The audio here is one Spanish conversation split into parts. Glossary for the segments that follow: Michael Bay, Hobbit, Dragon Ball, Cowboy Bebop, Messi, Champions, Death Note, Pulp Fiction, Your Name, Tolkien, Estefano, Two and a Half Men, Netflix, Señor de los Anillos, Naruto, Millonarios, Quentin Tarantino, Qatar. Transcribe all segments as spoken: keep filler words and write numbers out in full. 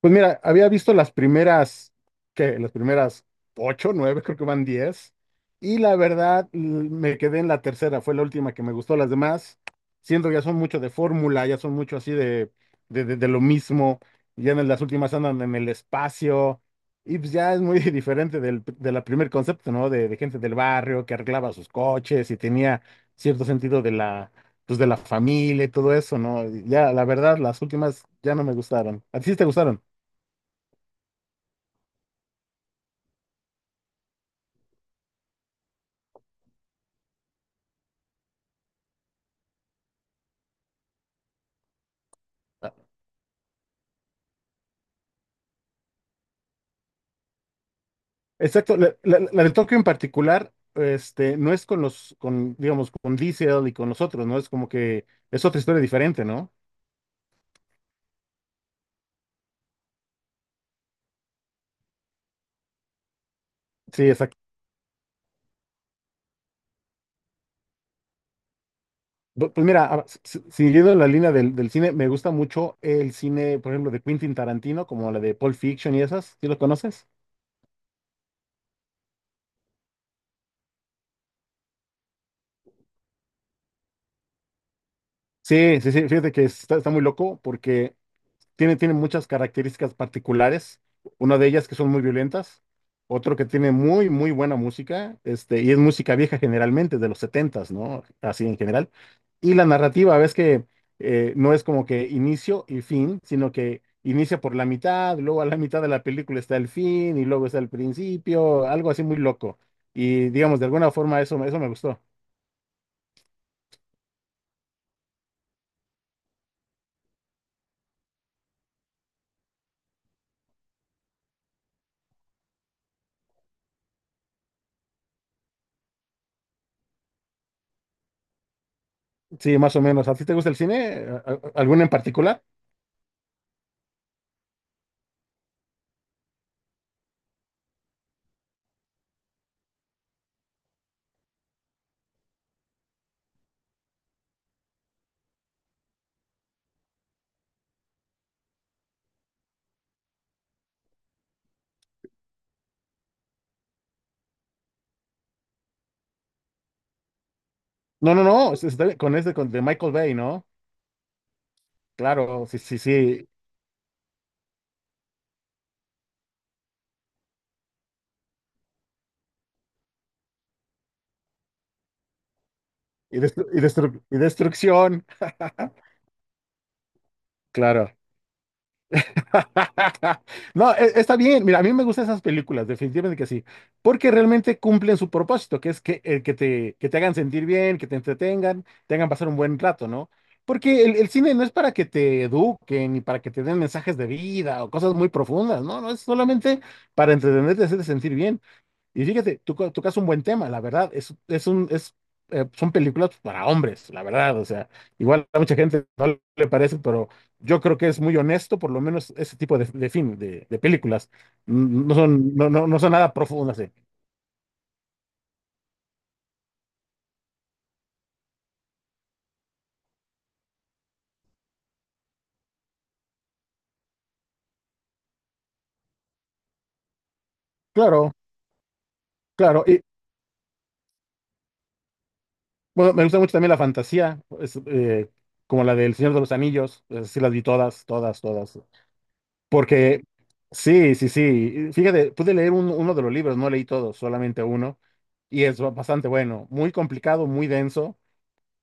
Pues mira, había visto las primeras, que Las primeras ocho, nueve, creo que van diez. Y la verdad, l- me quedé en la tercera, fue la última que me gustó. Las demás, siento que ya son mucho de fórmula, ya son mucho así de, de, de- de lo mismo. Ya en las últimas andan en el espacio. Y pues ya es muy diferente del, de la primer concepto, ¿no? De, de gente del barrio que arreglaba sus coches y tenía cierto sentido de la, pues de la familia y todo eso, ¿no? Ya, la verdad, las últimas ya no me gustaron. ¿A ti sí te gustaron? Exacto, la, la- la de Tokio en particular, este, no es con los, con, digamos, con Diesel y con los otros, ¿no? Es como que es otra historia diferente, ¿no? Sí, exacto. Bu- Pues mira, a- si- si, siguiendo la línea del, del cine, me gusta mucho el cine, por ejemplo, de Quentin Tarantino, como la de Pulp Fiction y esas, ¿sí lo conoces? Sí, sí, sí, fíjate que está, está muy loco porque tiene, tiene muchas características particulares, una de ellas que son muy violentas, otro que tiene muy, muy buena música, este, y es música vieja generalmente, de los setentas, ¿no? Así en general. Y la narrativa, ves que eh, no es como que inicio y fin, sino que inicia por la mitad, luego a la mitad de la película está el fin y luego está el principio, algo así muy loco. Y digamos, de alguna forma eso, eso me gustó. Sí, más o menos. ¿A ti te gusta el cine? ¿A- a- ¿Alguno en particular? No, no, no, es- está bien, con este con, de Michael Bay, ¿no? Claro, sí, sí, sí. Y, destru- y destru- y destrucción, claro. No, e- está bien. Mira, a mí me gustan esas películas, definitivamente que sí, porque realmente cumplen su propósito, que es que, eh, que te, que te hagan sentir bien, que te entretengan, te hagan pasar un buen rato, ¿no? Porque el, el cine no es para que te eduquen ni para que te den mensajes de vida o cosas muy profundas, no, no, es solamente para entretenerte, hacerte sentir bien. Y fíjate, tú co- tocas un buen tema, la verdad, es, es un, es, eh, son películas para hombres, la verdad, o sea, igual a mucha gente no le parece, pero yo creo que es muy honesto, por lo menos ese tipo de, de film, de, de películas. Mm, no son, no, no, no son nada profundas, eh. Claro, claro, y bueno, me gusta mucho también la fantasía, es, eh, como la del Señor de los Anillos, esas sí las vi todas, todas, todas. Porque, sí, sí, sí. Fíjate, pude leer un- uno de los libros, no leí todos, solamente uno. Y es ba- bastante bueno, muy complicado, muy denso,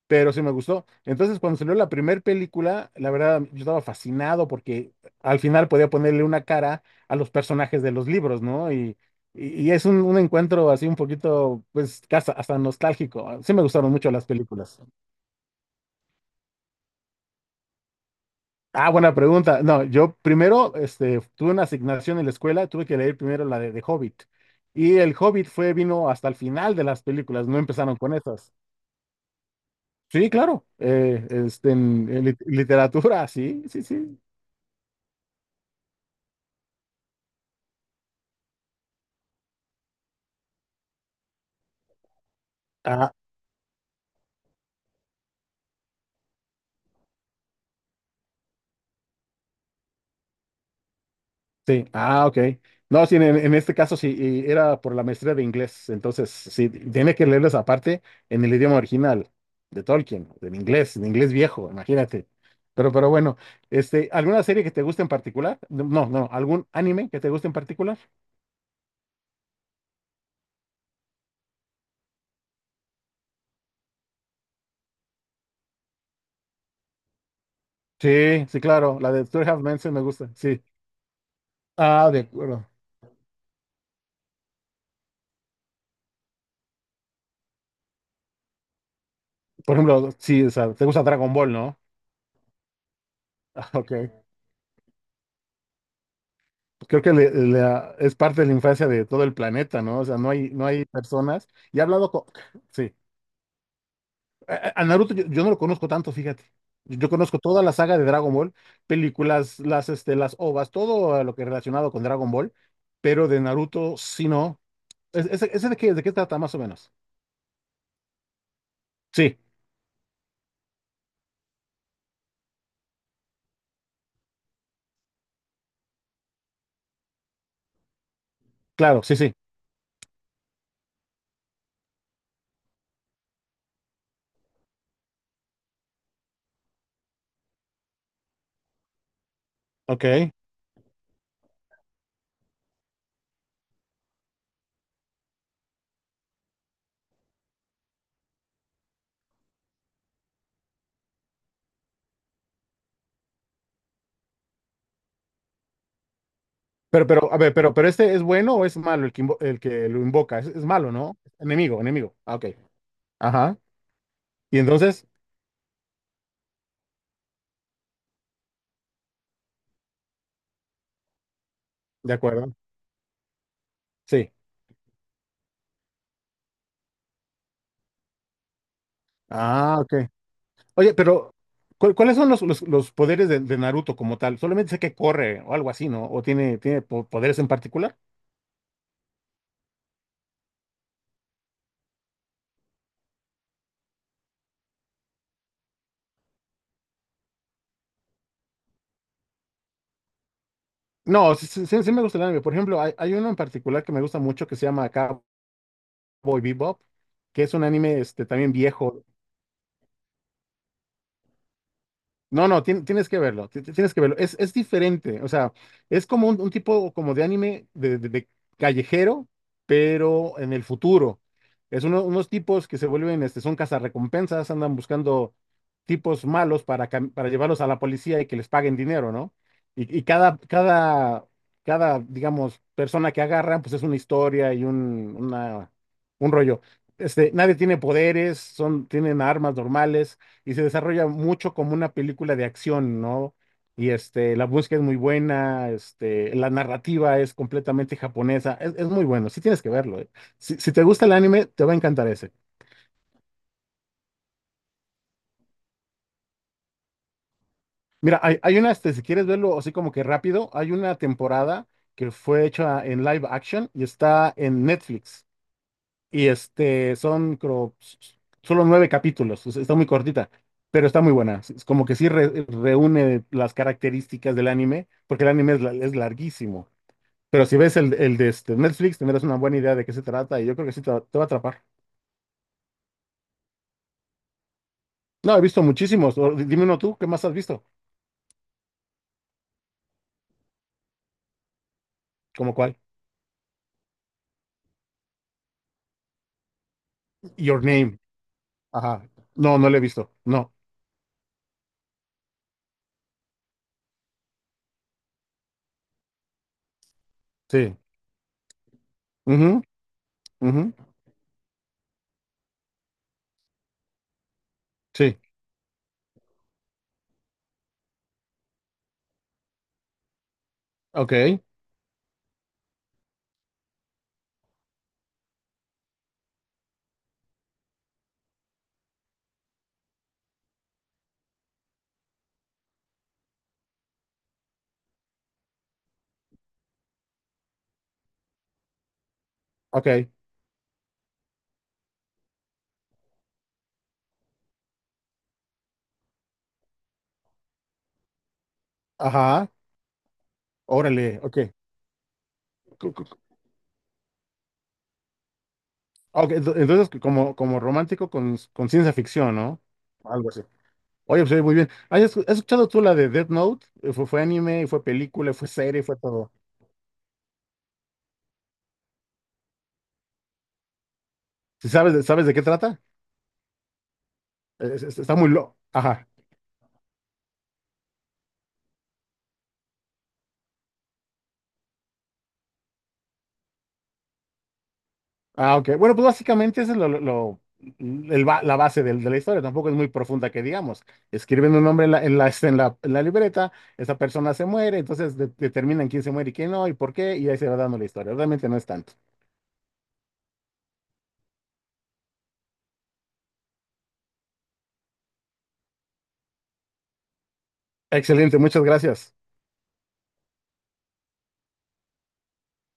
pero sí me gustó. Entonces, cuando salió la primera película, la verdad, yo estaba fascinado porque al final podía ponerle una cara a los personajes de los libros, ¿no? Y, y, y es un, un encuentro así un poquito, pues, casi hasta nostálgico. Sí me gustaron mucho las películas. Ah, buena pregunta. No, yo primero este, tuve una asignación en la escuela, tuve que leer primero la de, de Hobbit. Y el Hobbit fue, vino hasta el final de las películas, no empezaron con esas. Sí, claro. eh, este, en, en lit- literatura, sí, sí, sí. Sí, ah, ok. No, sí, en, en este caso sí, y era por la maestría de inglés, entonces sí, tiene que leerles aparte en el idioma original de Tolkien, en inglés, en inglés viejo, imagínate. Pero, pero bueno, este, ¿alguna serie que te guste en particular? No, no, no, ¿algún anime que te guste en particular? Sí, sí, claro, la de Two and a Half Men sí me gusta, sí. Ah, de acuerdo. Por ejemplo, sí, o sea, te gusta Dragon Ball, ¿no? Ah, ok. Pues, creo que le- la- es parte de la infancia de todo el planeta, ¿no? O sea, no hay, no hay personas. Y he hablado con... Sí. A, a Naruto yo, yo no lo conozco tanto, fíjate. Yo conozco toda la saga de Dragon Ball, películas, las, este, las OVAs, todo lo que relacionado con Dragon Ball, pero de Naruto sí no. ¿Es- ¿Ese, ese de qué, de qué trata más o menos? Sí, claro, sí, sí. Ok. Pero, pero, a ver, pero, pero este es bueno o es malo el que, invo- el que lo invoca? Es, es malo, ¿no? Enemigo, enemigo. Ah, ok. Ajá. Y entonces, de acuerdo. Sí. Ah, ok. Oye, pero ¿cuál- ¿cuáles son los, los, los poderes de, de Naruto como tal? Solamente sé que corre o algo así, ¿no? ¿O tiene, tiene po- poderes en particular? No, sí, sí- sí- sí me gusta el anime. Por ejemplo, hay, hay uno en particular que me gusta mucho que se llama Cowboy Bebop, que es un anime este, también viejo. No, no, tien- tienes que verlo, ti- ti- tienes que verlo. Es, es diferente, o sea, es como un, un tipo como de anime de, de- de callejero, pero en el futuro. Es uno- unos tipos que se vuelven, este, son cazarrecompensas, andan buscando tipos malos para, cam- para llevarlos a la policía y que les paguen dinero, ¿no? Y, y cada, cada, cada, digamos, persona que agarran, pues es una historia y un, una- un rollo. Este, nadie tiene poderes, son, tienen armas normales y se desarrolla mucho como una película de acción, ¿no? Y este, la búsqueda es muy buena, este, la narrativa es completamente japonesa, es, es muy bueno, sí tienes que verlo, eh. Si, si te gusta el anime, te va a encantar ese. Mira, hay, hay una, este, si quieres verlo así como que rápido, hay una temporada que fue hecha en live action y está en Netflix. Y este, son, creo, solo nueve capítulos, o sea, está muy cortita, pero está muy buena. Es como que sí re- reúne las características del anime, porque el anime es, la- es larguísimo. Pero si ves el, el de este Netflix, tendrás una buena idea de qué se trata y yo creo que sí te, va te va a atrapar. No, he visto muchísimos. o- Dime uno tú, ¿qué más has visto? ¿Cómo cuál? Your Name. Ajá. No, no lo he visto. No. Sí. Ujú, ujú, sí. Ok. Ok. Ajá. Órale. Ok. Ah, ok, ento- entonces como, como romántico con, con ciencia ficción, ¿no? Algo así. Oye, pues oye, muy bien. ¿Has escu- has escuchado tú la de Death Note? Eh, Fue, fue anime, fue película, fue serie, fue todo. ¿Sí ¿Sabes, de- sabes de qué trata? E-, Es- es- está muy loco. Ajá. Ah, ok. Bueno, pues básicamente esa es lo, lo- lo- mm, el ba- la base del- de la historia. Tampoco es muy profunda que digamos. Escriben un nombre en la, en la, este, en la, en la libreta, esa persona se muere, entonces de- determinan quién se muere y quién no, y por qué, y ahí se va dando la historia. Realmente no es tanto. Excelente, muchas gracias.